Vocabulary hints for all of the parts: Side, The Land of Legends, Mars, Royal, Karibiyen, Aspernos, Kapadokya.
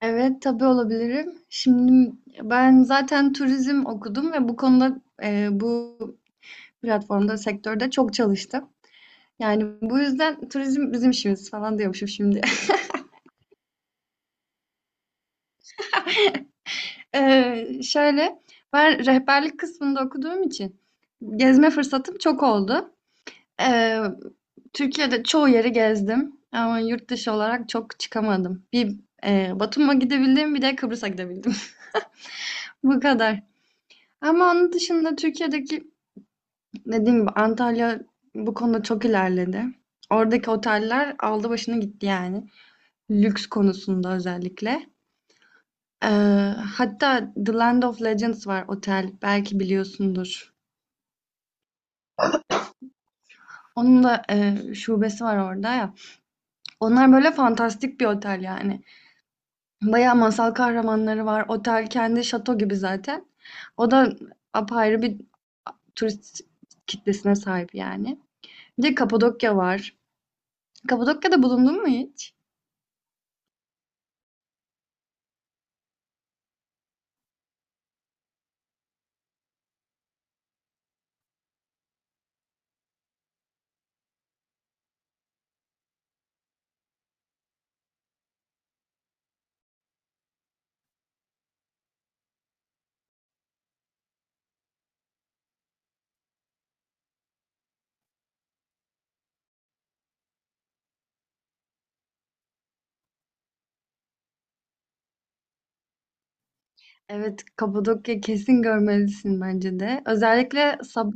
Evet, tabii olabilirim. Şimdi ben zaten turizm okudum ve bu konuda bu platformda, sektörde çok çalıştım. Yani bu yüzden turizm bizim işimiz falan diyormuşum şimdi. Şöyle, ben rehberlik kısmında okuduğum için gezme fırsatım çok oldu. E, Türkiye'de çoğu yeri gezdim ama yurt dışı olarak çok çıkamadım. Bir Batum'a gidebildim, bir de Kıbrıs'a gidebildim. Bu kadar. Ama onun dışında Türkiye'deki dediğim gibi Antalya bu konuda çok ilerledi. Oradaki oteller aldı başını gitti yani. Lüks konusunda özellikle. Ee, Hatta The Land of Legends var otel. Belki biliyorsundur. Onun da şubesi var orada ya. Onlar böyle fantastik bir otel yani. Bayağı masal kahramanları var. Otel kendi şato gibi zaten. O da apayrı bir turist kitlesine sahip yani. Bir de Kapadokya var. Kapadokya'da bulundun mu hiç? Evet, Kapadokya kesin görmelisin bence de. Özellikle sabah.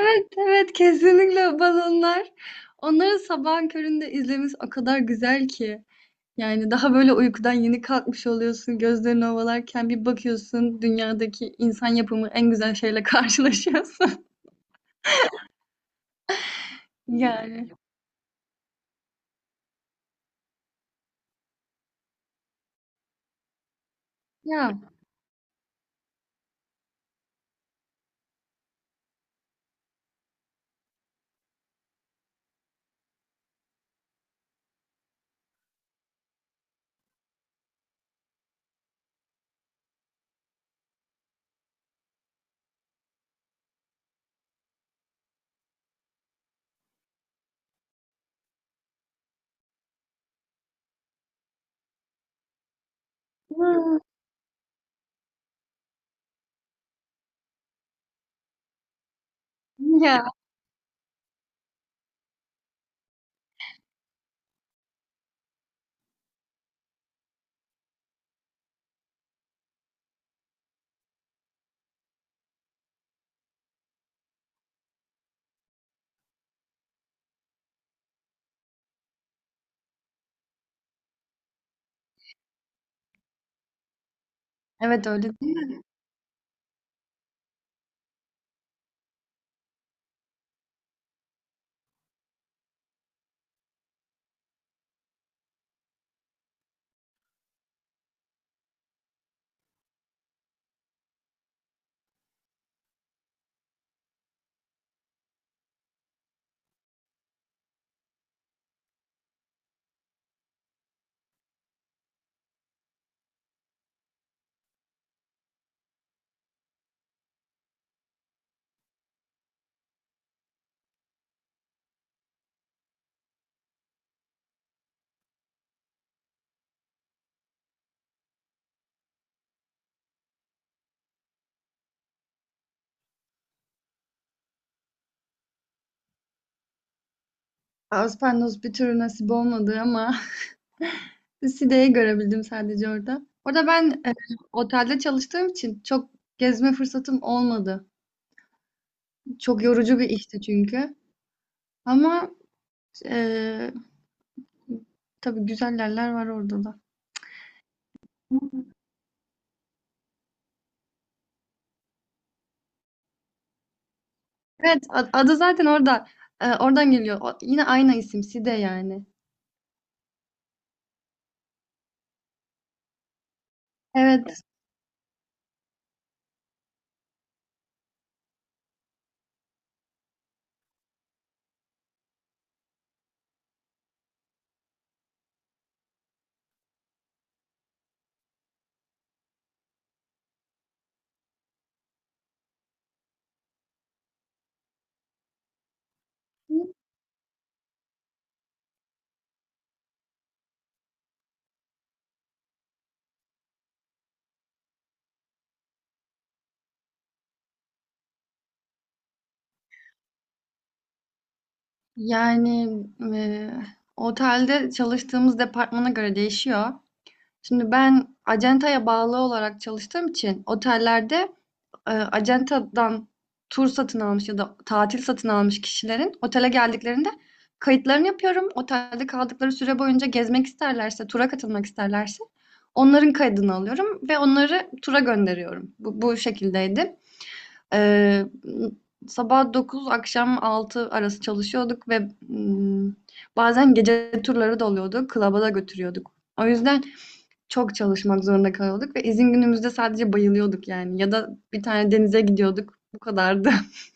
Evet, evet kesinlikle balonlar. Onları sabahın köründe izlemesi o kadar güzel ki. Yani daha böyle uykudan yeni kalkmış oluyorsun, gözlerini ovalarken bir bakıyorsun dünyadaki insan yapımı en güzel şeyle karşılaşıyorsun. Yani. Ya. Ya. Evet öyle değil. Aspernos bir türlü nasip olmadı ama Side'yi görebildim sadece orada. Orada ben otelde çalıştığım için çok gezme fırsatım olmadı. Çok yorucu bir işti çünkü. Ama e, tabii güzel yerler var orada da. Evet, adı zaten orada. Oradan geliyor. Yine aynı isim Side yani. Evet. Yani e, otelde çalıştığımız departmana göre değişiyor. Şimdi ben acentaya bağlı olarak çalıştığım için otellerde acentadan tur satın almış ya da tatil satın almış kişilerin otele geldiklerinde kayıtlarını yapıyorum. Otelde kaldıkları süre boyunca gezmek isterlerse, tura katılmak isterlerse onların kaydını alıyorum ve onları tura gönderiyorum. Bu şekildeydi. Eee, Sabah 9, akşam 6 arası çalışıyorduk ve mm, bazen gece turları da oluyordu. Klaba da götürüyorduk. O yüzden çok çalışmak zorunda kalıyorduk ve izin günümüzde sadece bayılıyorduk yani ya da bir tane denize gidiyorduk. Bu kadardı.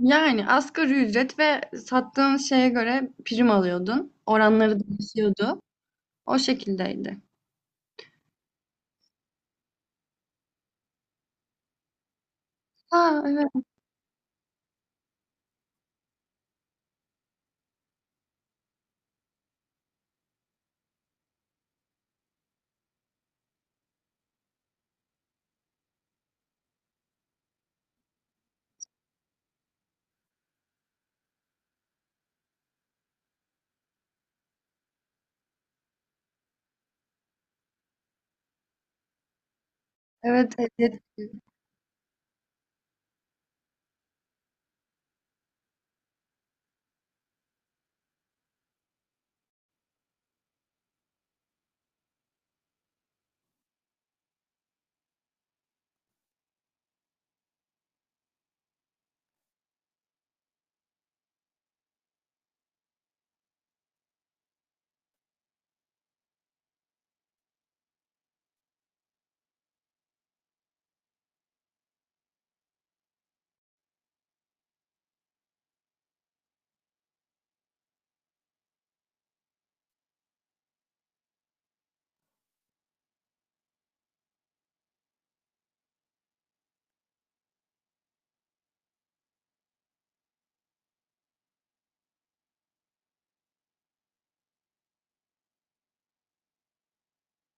Yani asgari ücret ve sattığın şeye göre prim alıyordun. Oranları değişiyordu. O şekildeydi. Ha evet. Evet, ehliyet.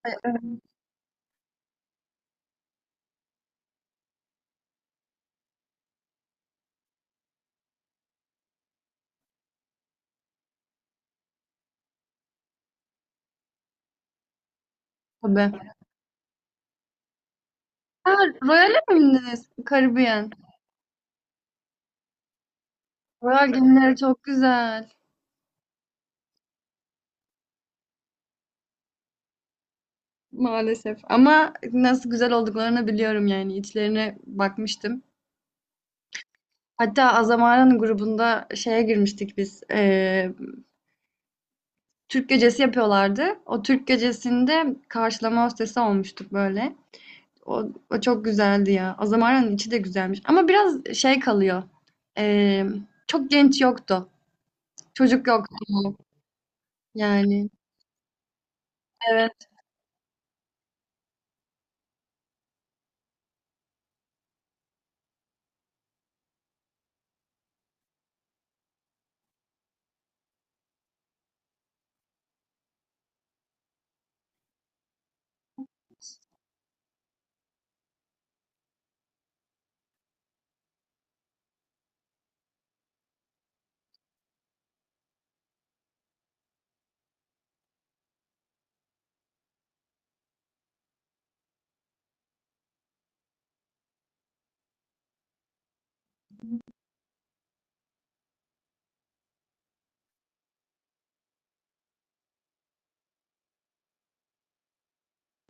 Evet, tabii. Ha, Royal'e mi bindiniz? Karibiyen. Royal gemileri çok güzel. Maalesef. Ama nasıl güzel olduklarını biliyorum yani. İçlerine bakmıştım. Hatta Azamara'nın grubunda şeye girmiştik biz. Türk gecesi yapıyorlardı. O Türk gecesinde karşılama hostesi olmuştuk böyle. O, o çok güzeldi ya. O zamanın içi de güzelmiş. Ama biraz şey kalıyor. Ee, Çok genç yoktu. Çocuk yoktu. Yani. Evet.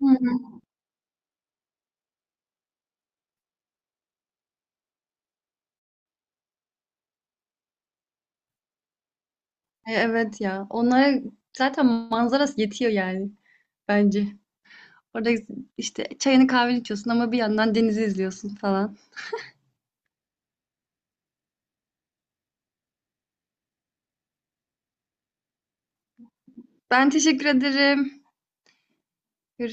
Hı hı. Evet ya. Onlara zaten manzarası yetiyor yani. Bence. Orada işte çayını kahveni içiyorsun ama bir yandan denizi izliyorsun falan. Ben teşekkür ederim. Görüşürüz.